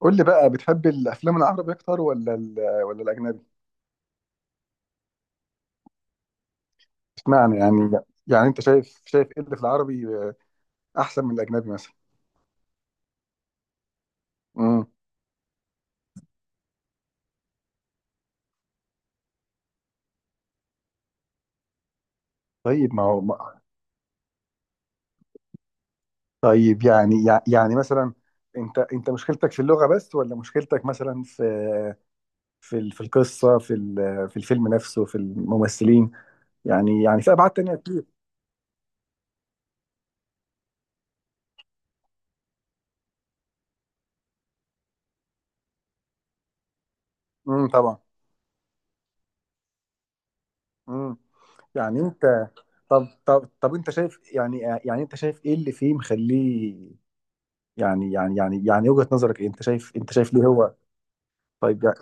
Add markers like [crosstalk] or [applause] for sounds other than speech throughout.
قول لي بقى بتحب الافلام العربي اكتر ولا الاجنبي؟ اشمعنى يعني؟ يعني انت شايف ايه اللي في العربي احسن من الاجنبي مثلا؟ امم. طيب ما هو طيب يعني يعني مثلا، انت مشكلتك في اللغة بس ولا مشكلتك مثلا في في القصة، في في الفيلم نفسه، في الممثلين، يعني في ابعاد تانية كتير؟ امم، طبعا. امم. يعني انت، طب انت شايف يعني، يعني انت شايف ايه اللي فيه مخليه، يعني وجهة نظرك ايه؟ انت شايف، ليه هو؟ طيب يعني.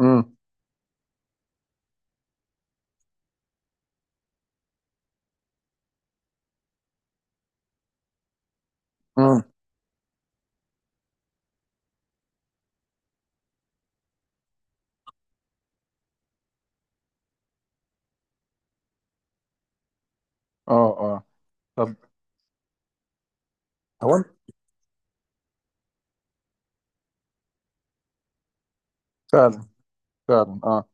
امم. امم. اه، اه. طب هو فعلا، فعلا اه.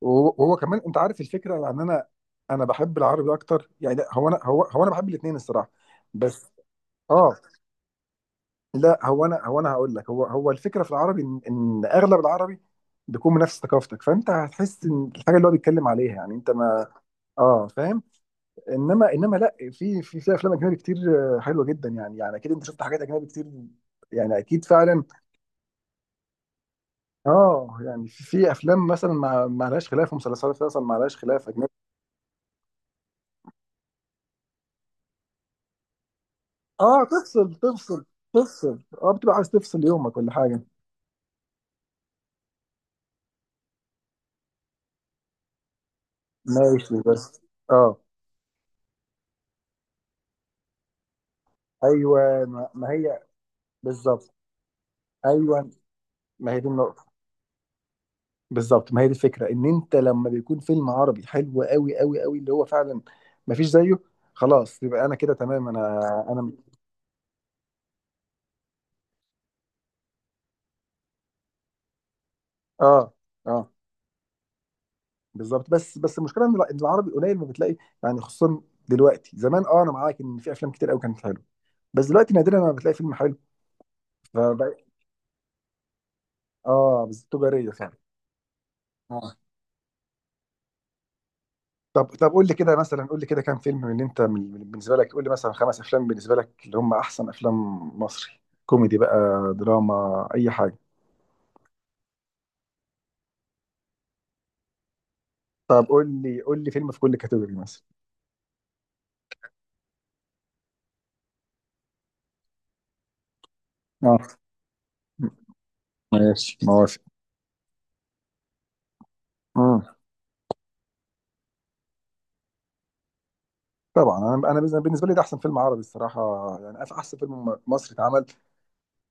وهو كمان انت عارف الفكره، يعني انا بحب العربي اكتر يعني، لا، هو انا بحب الاثنين الصراحه. بس اه. لا هو انا هقول لك، هو الفكره في العربي، إن اغلب العربي بيكون من نفس ثقافتك، فانت هتحس ان الحاجه اللي هو بيتكلم عليها يعني انت ما. اه، فاهم. انما لا، في افلام اجنبي كتير آه، حلوه جدا، يعني اكيد انت شفت حاجات اجنبي كتير، يعني اكيد فعلا. اه، يعني في افلام مثلا ما لهاش خلاف، ومسلسلات مثلا ما لهاش خلاف اجنبي. اه تفصل، تفصل اه، بتبقى عايز تفصل يومك ولا حاجه؟ ماشي بس. اه. ايوه ما هي، بالظبط، ايوه ما هي دي النقطه، بالظبط ما هي دي الفكره، ان انت لما بيكون فيلم عربي حلو قوي اللي هو فعلا ما فيش زيه، خلاص يبقى انا كده تمام، انا انا. اه، اه، بالظبط، بس المشكله ان إن العربي قليل ما بتلاقي، يعني خصوصا دلوقتي، زمان اه انا معاك ان في افلام كتير قوي كانت حلوه، بس دلوقتي نادرا ما بتلاقي فيلم حلو، فبقى. اه بس تجاريه فعلا. اه، طب قول لي كده مثلا، قول لي كده كام فيلم من اللي انت بالنسبه لك، قول لي مثلا خمس افلام بالنسبه لك اللي هم احسن افلام مصري، كوميدي بقى، دراما، اي حاجه. طب قول لي، فيلم في كل كاتيجوري مثلا. اه، ماشي، موافق. آه. طبعًا، أنا بالنسبة لي ده أحسن فيلم عربي الصراحة، يعني أحسن فيلم مصري اتعمل،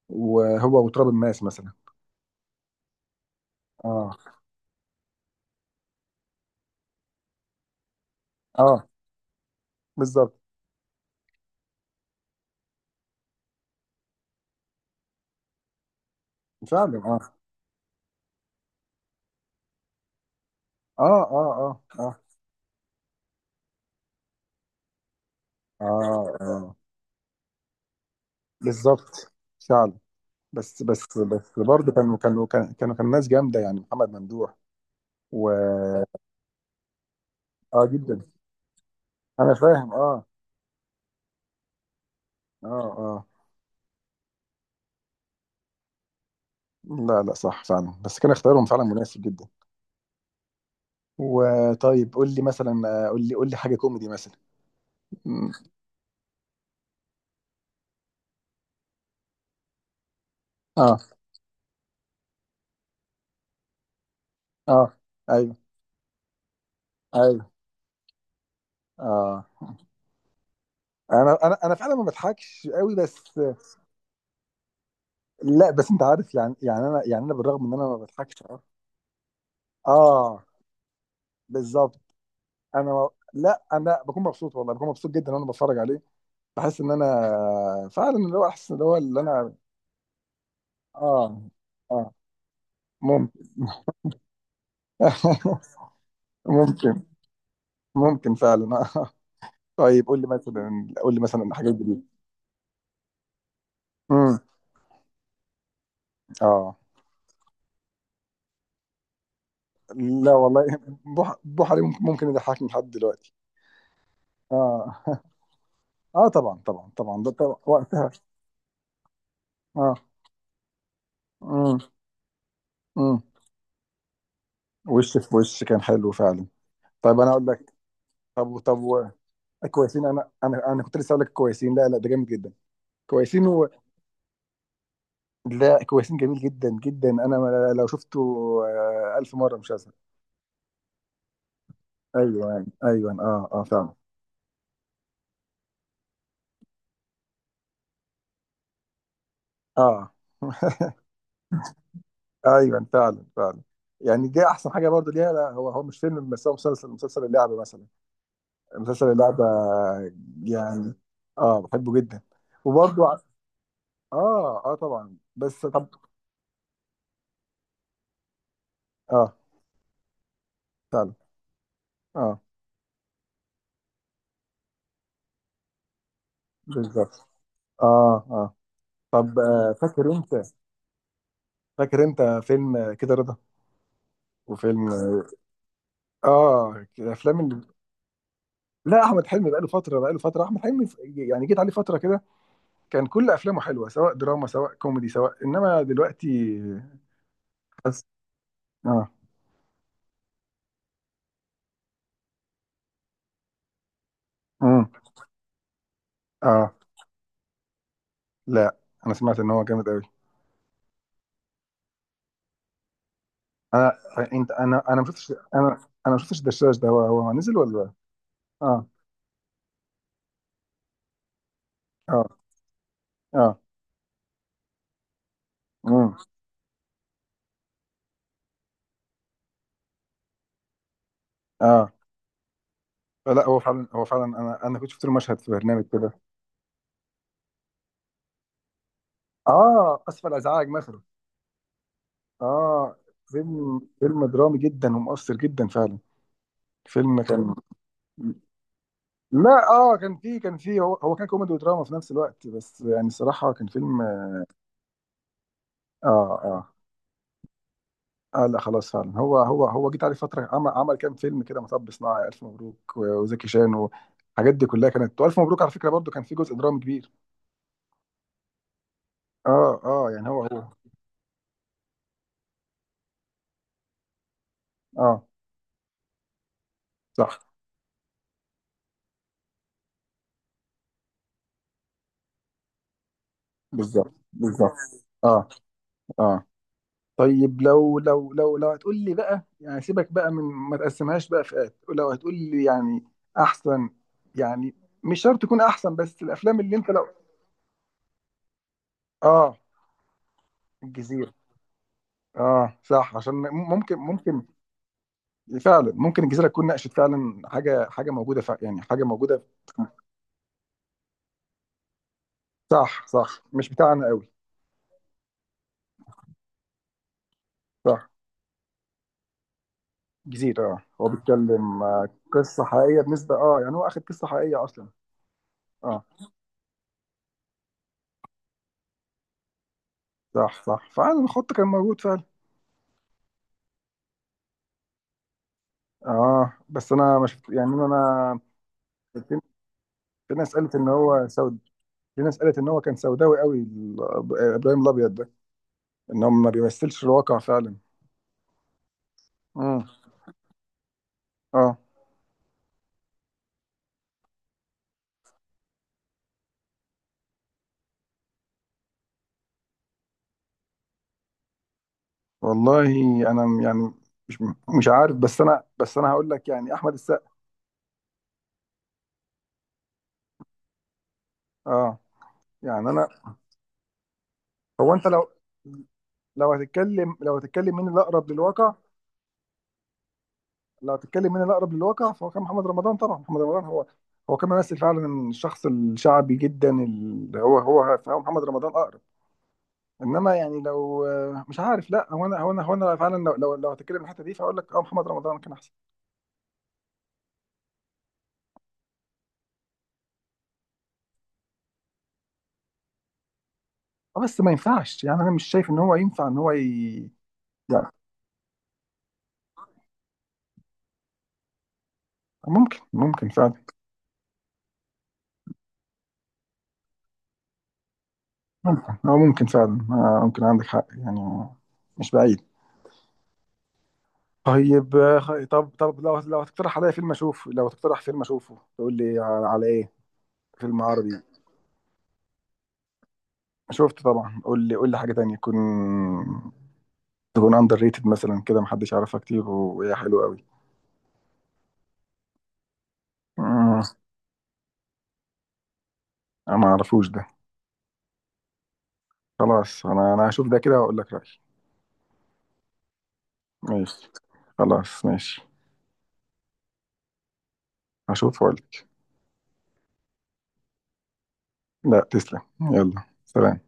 وهو وتراب الماس مثلًا. آه، آه، بالضبط. فعلًا، آه، آه، آه، آه، آه، آه، آه، بالضبط، فعلًا. بس برضه كانوا كانوا كان كانوا كانوا كان ناس جامدة، يعني محمد ممدوح و. آه جدًا، أنا فاهم آه، آه، آه. لا، لأ، صح فعلًا، بس كان اختيارهم فعلًا مناسب جدًا. وطيب قُل لي مثلًا، قُل لي حاجة كوميدي مثلًا. امم، آه، آه، أيوه. ايوه اه، انا فعلا ما بضحكش قوي بس. لا بس انت عارف، يعني يعني انا، يعني انا بالرغم ان انا ما بضحكش اه. آه، بالظبط. انا لا، انا بكون مبسوط والله، بكون مبسوط جدا وانا بتفرج عليه، بحس ان انا فعلا اللي هو احسن، اللي هو اللي انا. اه، اه، ممكن. [laughs] ممكن، ممكن فعلا آه. طيب قول لي مثلا، قول لي مثلا حاجات جديده. امم، اه. لا والله، بوح عليه، ممكن ممكن يضحكني لحد دلوقتي. اه [laughs] اه، طبعا ده طبعا وقتها. اه، امم، امم. وش في وش كان حلو فعلا. طيب انا اقول لك. طب طب و... كويسين، انا كنت لسه اقول لك كويسين، لا لا ده جامد جدا. كويسين و... لا، كويسين جميل جدا جدا، انا لو شفته آه، ألف مرة مش هزهق. ايوه ايوه أيوه. اه اه فعلا. اه [laughs] ايوه فعلا فعلا. يعني دي احسن حاجه برضه ليها، لا هو مش فيلم، بس هو مسلسل، اللعبه مثلا، مسلسل اللعبه يعني. اه، بحبه جدا. وبرضه، اه اه طبعا، بس طب. اه فعلا. اه بالظبط. اه اه. طب آه، فاكر انت، فيلم آه، كده رضا، وفيلم اه آه، الافلام اللي. لا احمد حلمي بقاله فتره، احمد حلمي يعني جيت عليه فتره كده، كان كل افلامه حلوه سواء دراما سواء كوميدي سواء، انما دلوقتي. بس اه. امم. اه لا، انا سمعت ان هو جامد قوي. انا، انت، انا ما شفتش، انا، ما شفتش الدشاش ده، هو هو نزل ولا؟ اه، اه، اه، امم، اه. لا هو فعلا، انا كنت شفت له مشهد في برنامج كده. اه، اسف على الازعاج مثلا. اه، فيلم درامي جدا ومؤثر جدا فعلا. فيلم كان. لا اه، كان فيه، هو كان كوميدي ودراما في نفس الوقت، بس يعني الصراحه كان فيلم اه. اه، اه. لا خلاص فعلا، هو جيت عليه فتره، عمل كام فيلم كده، مطب صناعي، الف مبروك، وزكي شان، والحاجات دي كلها كانت، والف مبروك على فكره برضو كان فيه جزء درامي كبير. اه اه يعني هو هو. اه. صح. بالظبط، بالظبط. اه، اه. طيب لو لو هتقول لي بقى، يعني سيبك بقى من ما تقسمهاش بقى فئات، لو هتقول لي يعني احسن، يعني مش شرط تكون احسن، بس الافلام اللي انت لو. اه، الجزيره. اه صح، عشان ممكن، ممكن فعلا ممكن الجزيره تكون ناقشت فعلا حاجه، حاجه موجوده فع، يعني حاجه موجوده. صح صح، مش بتاعنا قوي. صح. جزيره، اه هو بيتكلم آه، قصه حقيقيه بالنسبه، اه يعني هو اخد قصه حقيقيه اصلا. اه صح صح، فعلا الخط كان موجود فعلا. اه بس انا ما شفت يعني انا. أنا، في، في ناس قالت ان هو سود، في ناس قالت ان هو كان سوداوي قوي ابراهيم الابيض ده، ان هو ما بيمثلش الواقع فعلا. امم. اه. والله انا يعني، مش مش عارف، بس انا هقول لك يعني احمد السقا. اه. يعني انا، هو انت لو، لو هتتكلم، مين الاقرب للواقع؟ لو هتتكلم مين الاقرب للواقع فهو كان محمد رمضان طبعا، محمد رمضان هو، كان ممثل فعلا الشخص الشعبي جدا اللي هو هو محمد رمضان اقرب، انما يعني لو، مش عارف، لا هو انا فعلا لو لو هتكلم من الحته دي فاقول لك اه محمد رمضان كان احسن. اه بس ما ينفعش، يعني انا مش شايف ان هو ينفع ان هو ي... يعني. ممكن ممكن فعلا، ممكن هو ممكن فعلا آه، ممكن عندك حق يعني، مش بعيد. طيب آه، طب لو هتقترح عليا فيلم اشوفه، لو تقترح فيلم اشوفه، تقول لي على ايه؟ فيلم عربي. شفته طبعا، قول لي، حاجه تانية، تكون اندر ريتد مثلا كده، محدش يعرفها كتير وهي حلوه قوي. مم، انا ما اعرفوش ده. خلاص انا، هشوف ده كده واقول لك رأيي. ماشي، خلاص ماشي، هشوف واقول لك. لا تسلم، يلا سلام.